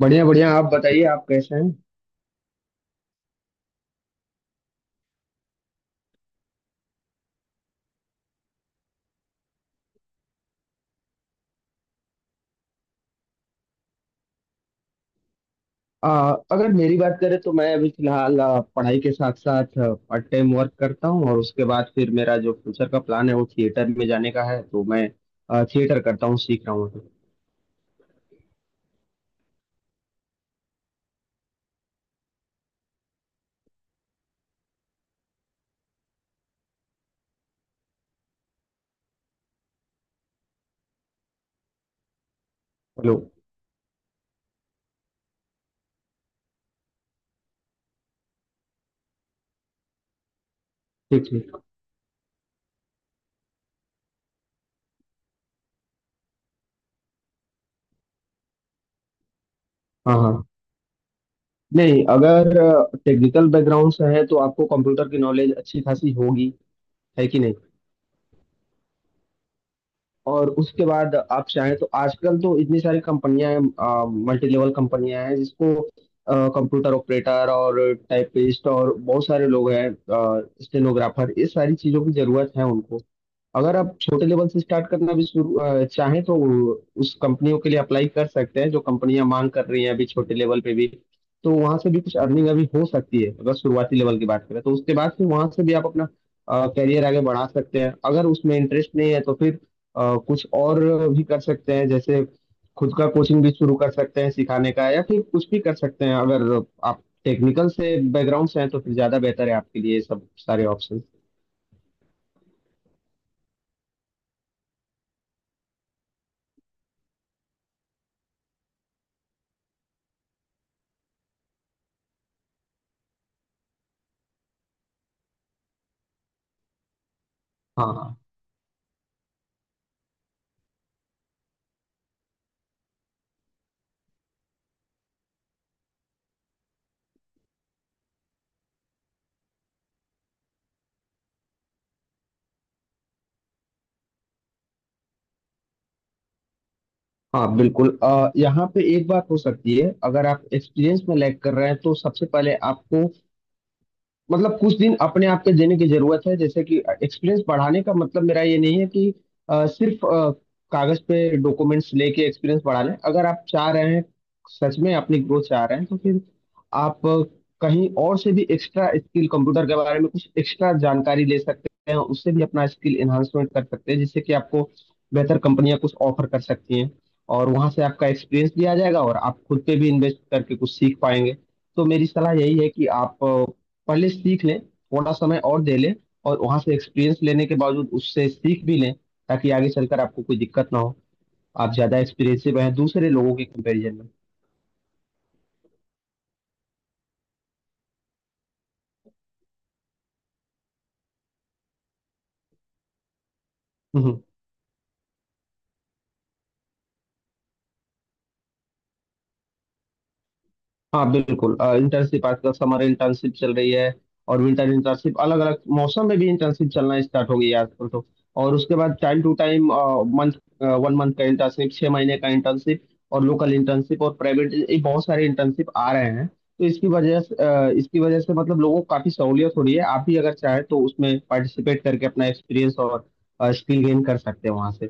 बढ़िया बढ़िया। आप बताइए, आप कैसे हैं? अगर मेरी बात करें तो मैं अभी फिलहाल पढ़ाई के साथ साथ पार्ट टाइम वर्क करता हूँ और उसके बाद फिर मेरा जो फ्यूचर का प्लान है वो थिएटर में जाने का है, तो मैं थिएटर करता हूँ, सीख रहा हूँ अभी। हेलो। ठीक ठीक। हाँ हाँ। नहीं, अगर टेक्निकल बैकग्राउंड से है तो आपको कंप्यूटर की नॉलेज अच्छी खासी होगी। है कि नहीं? और उसके बाद आप चाहें तो आजकल तो इतनी सारी कंपनियां हैं, मल्टी लेवल कंपनियां हैं, जिसको कंप्यूटर ऑपरेटर और टाइपिस्ट और बहुत सारे लोग हैं, स्टेनोग्राफर, ये सारी चीजों की जरूरत है उनको। अगर आप छोटे लेवल से स्टार्ट करना भी शुरू चाहें तो उस कंपनियों के लिए अप्लाई कर सकते हैं, जो कंपनियां मांग कर रही हैं अभी छोटे लेवल पे भी। तो वहां से भी कुछ अर्निंग अभी हो सकती है, अगर शुरुआती लेवल की बात करें तो। उसके बाद फिर वहां से भी आप अपना करियर आगे बढ़ा सकते हैं। अगर उसमें इंटरेस्ट नहीं है तो फिर कुछ और भी कर सकते हैं। जैसे खुद का कोचिंग भी शुरू कर सकते हैं सिखाने का, या फिर कुछ भी कर सकते हैं। अगर आप टेक्निकल से बैकग्राउंड से हैं तो फिर ज़्यादा बेहतर है आपके लिए ये सब सारे ऑप्शन। हाँ हाँ। हाँ, बिल्कुल। यहाँ पे एक बात हो सकती है। अगर आप एक्सपीरियंस में लैग कर रहे हैं तो सबसे पहले आपको, मतलब, कुछ दिन अपने आप के देने की जरूरत है। जैसे कि एक्सपीरियंस बढ़ाने का मतलब मेरा ये नहीं है कि सिर्फ कागज पे डॉक्यूमेंट्स लेके एक्सपीरियंस बढ़ा लें। अगर आप चाह रहे हैं, सच में अपनी ग्रोथ चाह रहे हैं, तो फिर आप कहीं और से भी एक्स्ट्रा स्किल, कंप्यूटर के बारे में कुछ एक्स्ट्रा जानकारी ले सकते हैं। उससे भी अपना स्किल एनहांसमेंट कर सकते हैं, जिससे कि आपको बेहतर कंपनियां कुछ ऑफर कर सकती हैं। और वहां से आपका एक्सपीरियंस भी आ जाएगा और आप खुद पे भी इन्वेस्ट करके कुछ सीख पाएंगे। तो मेरी सलाह यही है कि आप पहले सीख लें, थोड़ा समय और दे लें, और वहां से एक्सपीरियंस लेने के बावजूद उससे सीख भी लें, ताकि आगे चलकर आपको कोई दिक्कत ना हो। आप ज्यादा एक्सपीरियंसिव हैं दूसरे लोगों के कंपैरिजन में। हम्म हम्म। हाँ बिल्कुल। इंटर्नशिप आजकल, समर इंटर्नशिप चल रही है और विंटर इंटर्नशिप, अलग अलग मौसम में भी इंटर्नशिप चलना स्टार्ट हो गई है आजकल तो। और उसके बाद time to time, month, one month का इंटर्नशिप, छः महीने का इंटर्नशिप, और लोकल इंटर्नशिप और प्राइवेट, ये बहुत सारे इंटर्नशिप आ रहे हैं। तो इसकी वजह से, मतलब, लोगों को काफ़ी सहूलियत हो रही है। आप भी अगर चाहें तो उसमें पार्टिसिपेट करके अपना एक्सपीरियंस और स्किल गेन कर सकते हैं वहाँ से।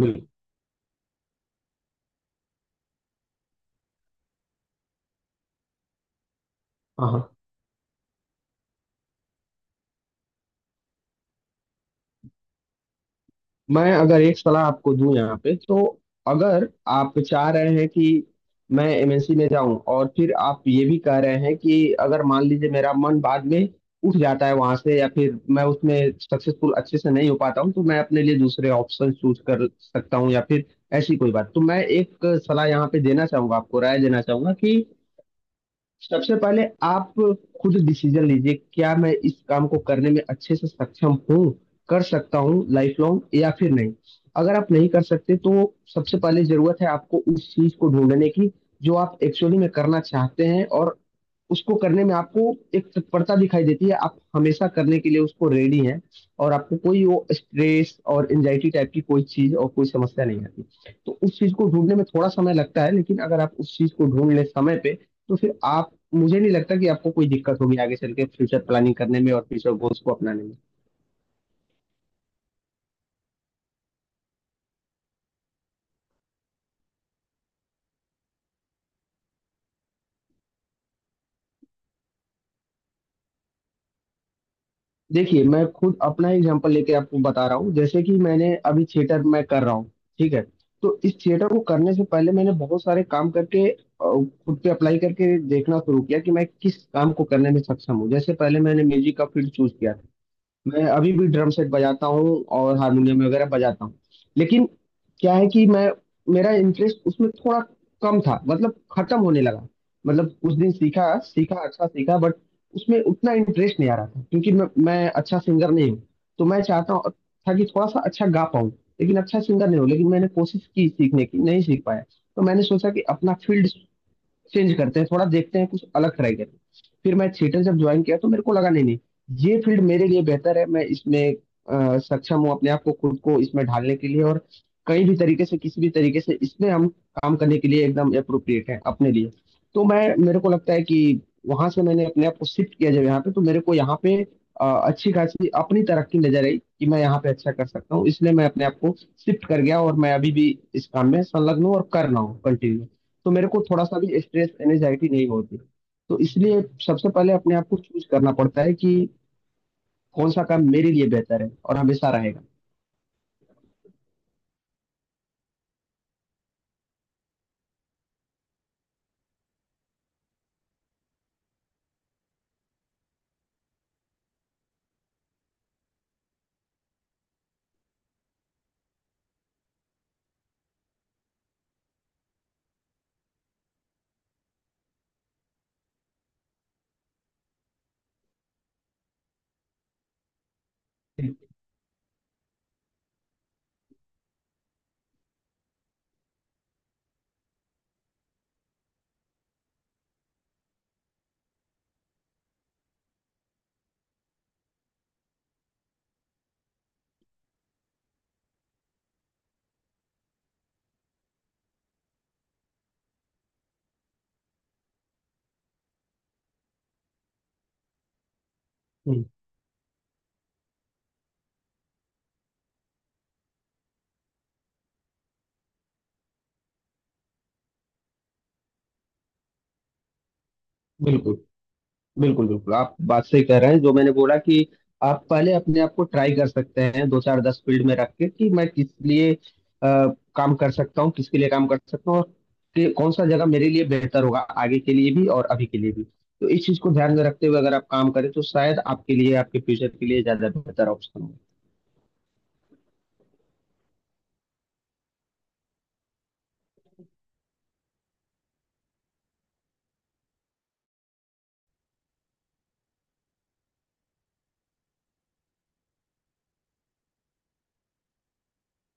बिल्कुल। हाँ हाँ। मैं अगर एक सलाह आपको दूं यहाँ पे, तो अगर आप चाह रहे हैं कि मैं एमएनसी में जाऊं, और फिर आप ये भी कह रहे हैं कि अगर मान लीजिए मेरा मन बाद में उठ जाता है वहां से, या फिर मैं उसमें सक्सेसफुल अच्छे से नहीं हो पाता हूं, तो मैं अपने लिए दूसरे ऑप्शन चूज कर सकता हूं, या फिर ऐसी कोई बात, तो मैं एक सलाह यहाँ पे देना चाहूंगा, आपको राय देना चाहूंगा, कि सबसे पहले आप खुद डिसीजन लीजिए, क्या मैं इस काम को करने में अच्छे से सक्षम हूँ, कर सकता हूँ लाइफ लॉन्ग या फिर नहीं। अगर आप नहीं कर सकते तो सबसे पहले जरूरत है आपको उस चीज को ढूंढने की जो आप एक्चुअली में करना चाहते हैं, और उसको करने में आपको एक तत्परता दिखाई देती है, आप हमेशा करने के लिए उसको रेडी हैं, और आपको कोई वो स्ट्रेस और एंजाइटी टाइप की कोई चीज और कोई समस्या नहीं आती। तो उस चीज को ढूंढने में थोड़ा समय लगता है, लेकिन अगर आप उस चीज को ढूंढ लें समय पे, तो फिर आप, मुझे नहीं लगता कि आपको कोई दिक्कत होगी आगे चल के फ्यूचर प्लानिंग करने में और फ्यूचर गोल्स को अपनाने में। देखिए मैं खुद अपना एग्जांपल लेके आपको बता रहा हूँ, जैसे कि मैंने, अभी थिएटर मैं कर रहा हूँ, ठीक है? तो इस थिएटर को करने से पहले मैंने बहुत सारे काम करके, खुद पे अप्लाई करके देखना शुरू किया कि मैं किस काम को करने में सक्षम हूँ। जैसे पहले मैंने म्यूजिक का फील्ड चूज किया था। मैं अभी भी ड्रम सेट बजाता हूँ और हारमोनियम वगैरह बजाता हूँ। लेकिन क्या है कि मैं मेरा इंटरेस्ट उसमें थोड़ा कम था, मतलब खत्म होने लगा। मतलब कुछ दिन सीखा, सीखा, अच्छा सीखा, बट उसमें उतना इंटरेस्ट नहीं आ रहा था, क्योंकि मैं अच्छा सिंगर नहीं हूँ। तो मैं चाहता हूँ, था, कि थोड़ा सा अच्छा गा पाऊँ, लेकिन अच्छा सिंगर नहीं हूँ। लेकिन मैंने कोशिश की सीखने की, नहीं सीख पाया। तो मैंने सोचा कि अपना फील्ड चेंज करते हैं, थोड़ा देखते हैं, कुछ अलग ट्राई करते हैं। फिर मैं थिएटर जब ज्वाइन किया तो मेरे को लगा, नहीं नहीं, ये फील्ड मेरे लिए बेहतर है, मैं इसमें सक्षम हूँ अपने आप को, खुद को, इसमें ढालने के लिए। और कहीं भी तरीके से, किसी भी तरीके से, इसमें हम काम करने के लिए एकदम अप्रोप्रिएट है अपने लिए। तो मैं मेरे को लगता है कि वहां से मैंने अपने आप को शिफ्ट किया जब यहाँ पे, तो मेरे को यहाँ पे अच्छी खासी अपनी तरफ की नजर आई कि मैं यहाँ पे अच्छा कर सकता हूँ। इसलिए मैं अपने आप को शिफ्ट कर गया और मैं अभी भी इस काम में संलग्न हूँ और कर रहा हूँ कंटिन्यू। तो मेरे को थोड़ा सा भी स्ट्रेस एनजाइटी नहीं होती। तो इसलिए सबसे पहले अपने आप को चूज करना पड़ता है कि कौन सा काम मेरे लिए बेहतर है और हमेशा रहेगा। हम्म। बिल्कुल, बिल्कुल, बिल्कुल, आप बात सही कह रहे हैं, जो मैंने बोला कि आप पहले अपने आप को ट्राई कर सकते हैं दो चार दस फील्ड में रख के, कि मैं किस लिए काम कर सकता हूँ, किसके लिए काम कर सकता हूँ, और कि कौन सा जगह मेरे लिए बेहतर होगा, आगे के लिए भी और अभी के लिए भी। तो इस चीज को ध्यान में रखते हुए अगर आप काम करें तो शायद आपके लिए, आपके फ्यूचर के लिए ज्यादा बेहतर ऑप्शन।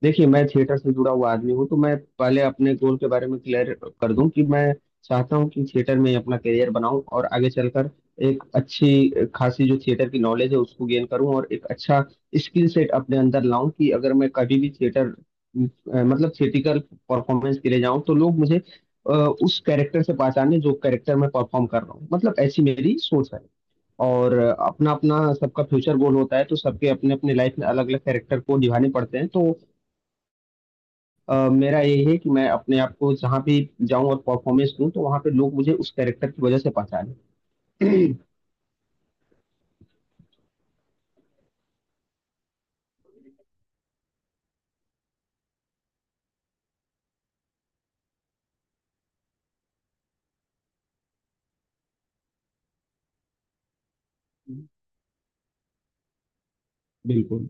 देखिए मैं थिएटर से जुड़ा हुआ आदमी हूँ, तो मैं पहले अपने गोल के बारे में क्लियर कर दूं कि मैं चाहता हूँ कि थिएटर में ही अपना करियर बनाऊं, और आगे चलकर एक अच्छी खासी जो थिएटर की नॉलेज है उसको गेन करूं और एक अच्छा स्किल सेट अपने अंदर लाऊं, कि अगर मैं कभी भी थिएटर मतलब थिएटिकल परफॉर्मेंस के लिए जाऊं तो लोग मुझे उस कैरेक्टर से पहचाने, जो कैरेक्टर मैं परफॉर्म कर रहा हूँ। मतलब ऐसी मेरी सोच है। और अपना अपना सबका फ्यूचर गोल होता है, तो सबके अपने अपने लाइफ में अलग अलग कैरेक्टर को निभाने पड़ते हैं। तो मेरा यही है कि मैं अपने आप को जहाँ भी जाऊँ और परफॉर्मेंस दूँ, तो वहाँ पे लोग मुझे उस कैरेक्टर की वजह से पहचाने। बिल्कुल,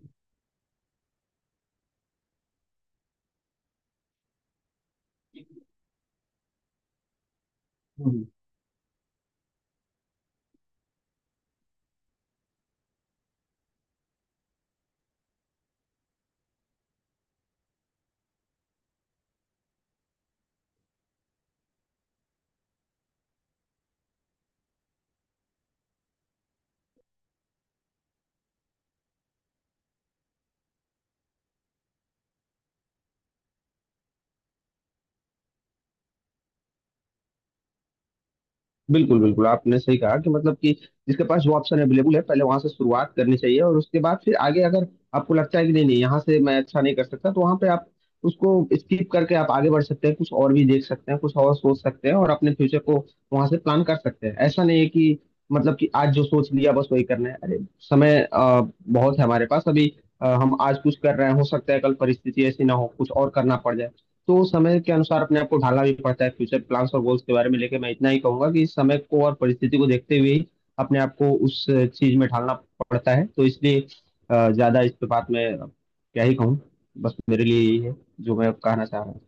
बिल्कुल, बिल्कुल, आपने सही कहा कि, मतलब कि, जिसके पास जो ऑप्शन अवेलेबल है पहले वहां से शुरुआत करनी चाहिए, और उसके बाद फिर आगे अगर आपको लगता है कि नहीं नहीं, यहाँ से मैं अच्छा नहीं कर सकता, तो वहां पे आप उसको स्किप करके आप आगे बढ़ सकते हैं, कुछ और भी देख सकते हैं, कुछ और सोच सकते हैं और अपने फ्यूचर को वहां से प्लान कर सकते हैं। ऐसा नहीं है कि, मतलब कि, आज जो सोच लिया बस वही करना है। अरे समय बहुत है हमारे पास अभी। हम आज कुछ कर रहे हैं, हो सकता है कल परिस्थिति ऐसी ना हो, कुछ और करना पड़ जाए। तो समय के अनुसार अपने आप को ढालना भी पड़ता है। फ्यूचर प्लान्स और गोल्स के बारे में लेके मैं इतना ही कहूंगा कि इस समय को और परिस्थिति को देखते हुए ही अपने आप को उस चीज में ढालना पड़ता है। तो इसलिए ज्यादा इस पे बात में क्या ही कहूँ, बस मेरे लिए यही है जो मैं कहना चाह रहा हूँ।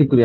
शुक्रिया।